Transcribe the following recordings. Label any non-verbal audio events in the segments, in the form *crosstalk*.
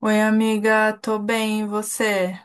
Oi, amiga, tô bem, e você?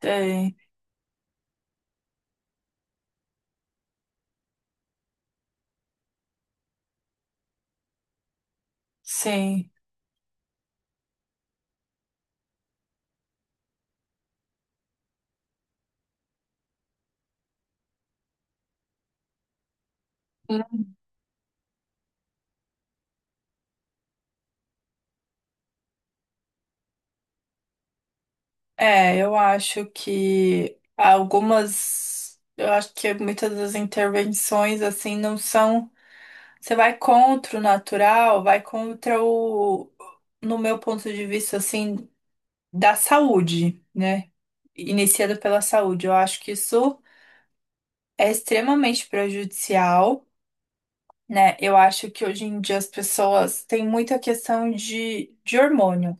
Tem, sim. Hum. É, eu acho que algumas, eu acho que muitas das intervenções assim não são, você vai contra o natural, vai contra no meu ponto de vista assim, da saúde, né? Iniciado pela saúde. Eu acho que isso é extremamente prejudicial, né? Eu acho que hoje em dia as pessoas têm muita questão de hormônio.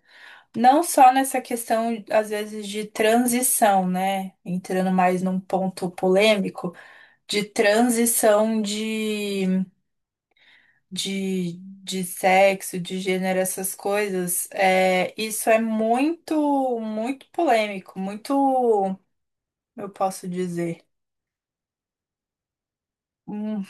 Não só nessa questão, às vezes, de transição, né? Entrando mais num ponto polêmico, de transição de, de, de sexo, de gênero, essas coisas. É, isso é muito, muito polêmico, muito, eu posso dizer. um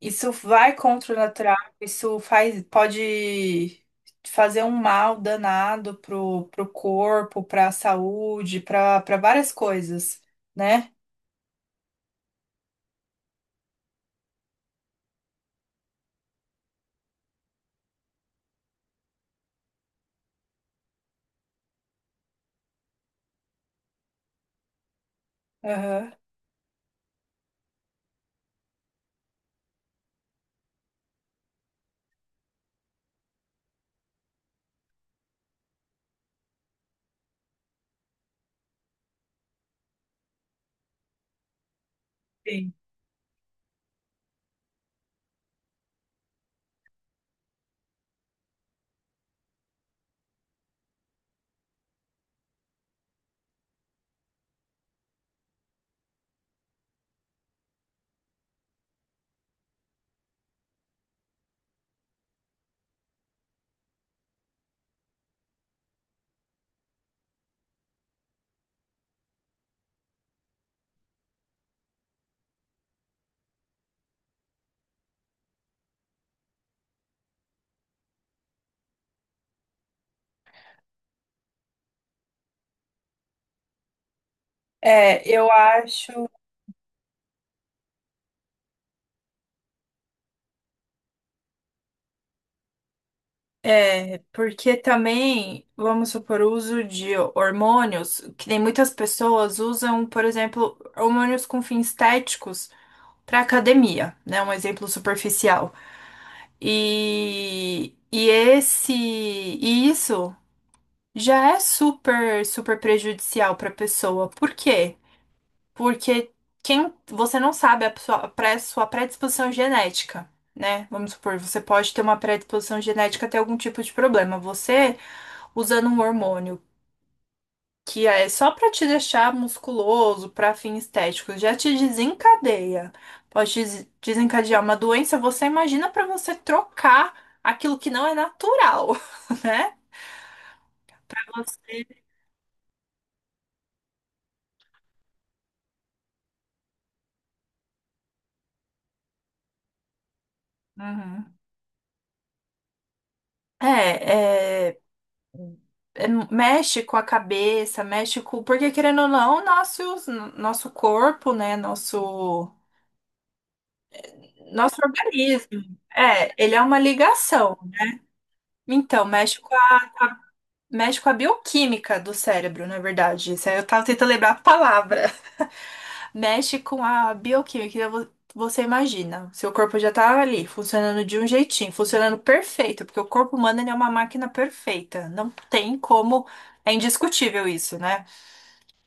Isso vai contra o natural, isso faz, pode fazer um mal danado pro corpo, pra saúde, pra várias coisas, né? Aham. Sim. É, eu acho. É, porque também, vamos supor, o uso de hormônios, que nem muitas pessoas usam, por exemplo, hormônios com fins estéticos para academia, né? Um exemplo superficial. E esse, e isso. Já é super, super prejudicial para a pessoa. Por quê? Porque quem você não sabe a sua, sua predisposição genética, né? Vamos supor, você pode ter uma predisposição genética a ter algum tipo de problema. Você usando um hormônio que é só para te deixar musculoso, para fins estéticos, já te desencadeia. Pode desencadear uma doença. Você imagina para você trocar aquilo que não é natural, *laughs* né? Você Uhum. É, mexe com a cabeça, mexe com. Porque, querendo ou não, nosso corpo, né? Nosso organismo. É, ele é uma ligação. Então, mexe com a bioquímica do cérebro, na verdade. Isso aí eu tava tentando lembrar a palavra. *laughs* Mexe com a bioquímica. Você imagina, seu corpo já tá ali, funcionando de um jeitinho, funcionando perfeito, porque o corpo humano ele é uma máquina perfeita. Não tem como. É indiscutível isso, né?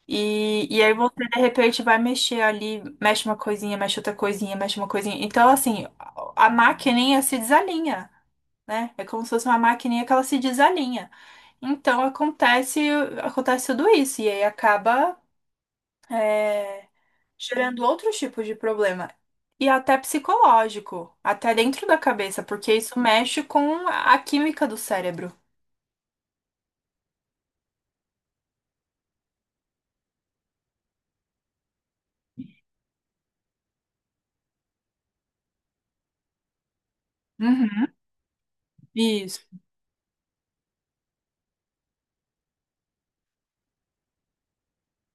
E aí você de repente vai mexer ali, mexe uma coisinha, mexe outra coisinha, mexe uma coisinha. Então, assim, a maquininha se desalinha, né? É como se fosse uma maquininha que ela se desalinha. Então acontece tudo isso, e aí acaba é, gerando outros tipos de problema. E até psicológico, até dentro da cabeça, porque isso mexe com a química do cérebro. Uhum. Isso.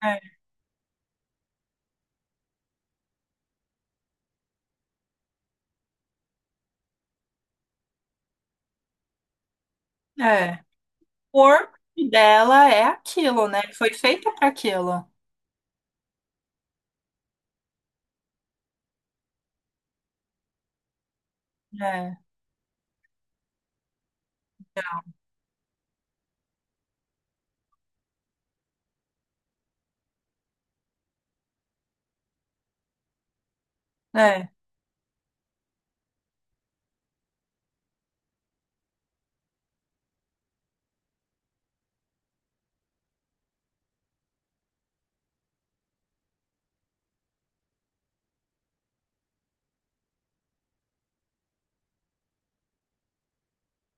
É. É. O corpo dela é aquilo, né? Foi feita para aquilo. É, é,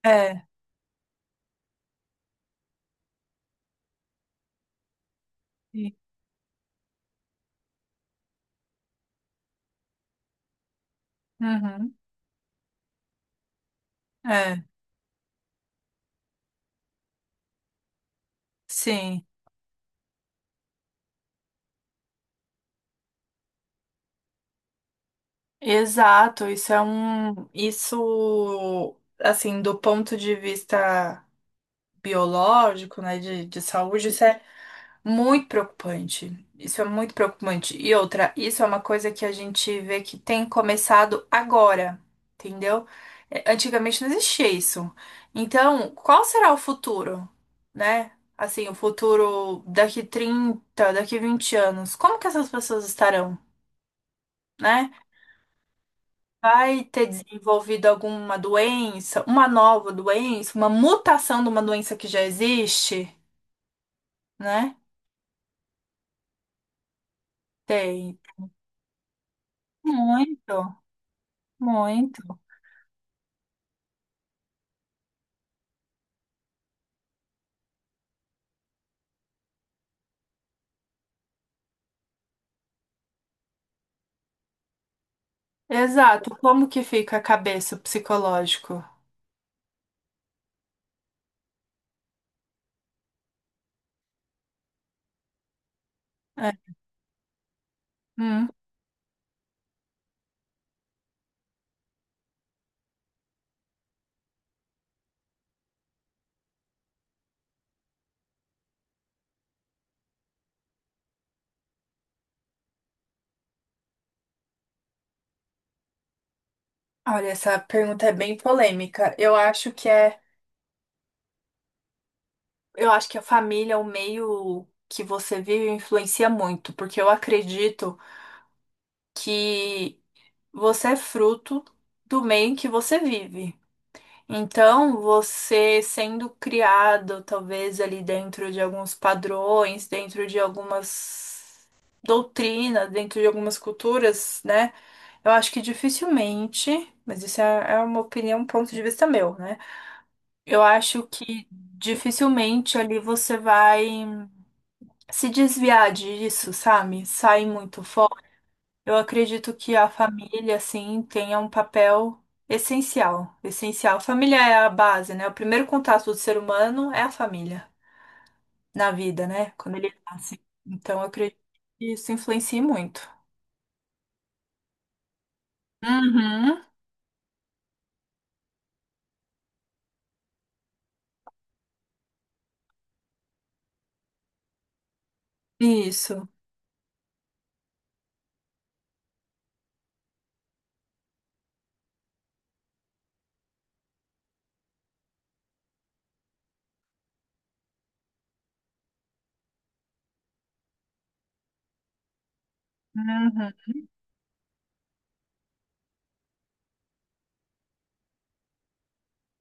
é. Sim. Uhum, é, sim. Exato. Isso é um. Isso, assim, do ponto de vista biológico, né, de saúde, isso é muito preocupante. Isso é muito preocupante. E outra, isso é uma coisa que a gente vê que tem começado agora, entendeu? Antigamente não existia isso. Então, qual será o futuro, né? Assim, o futuro daqui 30, daqui 20 anos, como que essas pessoas estarão, né? Vai ter desenvolvido alguma doença, uma nova doença, uma mutação de uma doença que já existe, né? Tem. Muito, muito. Exato. Como que fica a cabeça o psicológico? É. Hum. Olha, essa pergunta é bem polêmica. Eu acho eu acho que a família, é o meio que você vive, influencia muito, porque eu acredito que você é fruto do meio em que você vive. Então, você sendo criado, talvez ali dentro de alguns padrões, dentro de algumas doutrinas, dentro de algumas culturas, né? Eu acho que dificilmente, mas isso é uma opinião, um ponto de vista meu, né? Eu acho que dificilmente ali você vai se desviar disso, sabe? Sai muito eu acredito que a família, assim, tenha um papel essencial, essencial. Família é a base, né? O primeiro contato do ser humano é a família, na vida, né? Quando ele nasce. Então, eu acredito que isso influencia muito. Uhum. Isso. Uhum.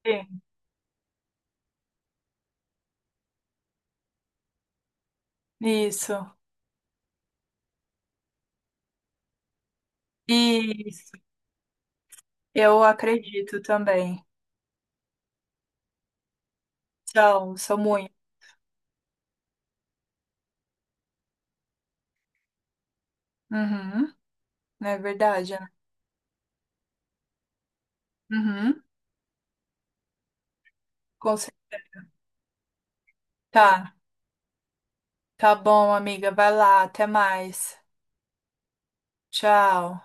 Sim. Isso. Isso. Eu acredito também. São, são muito. Uhum. É verdade, né? Uhum. Com cer- Tá. Tá bom, amiga. Vai lá. Até mais. Tchau.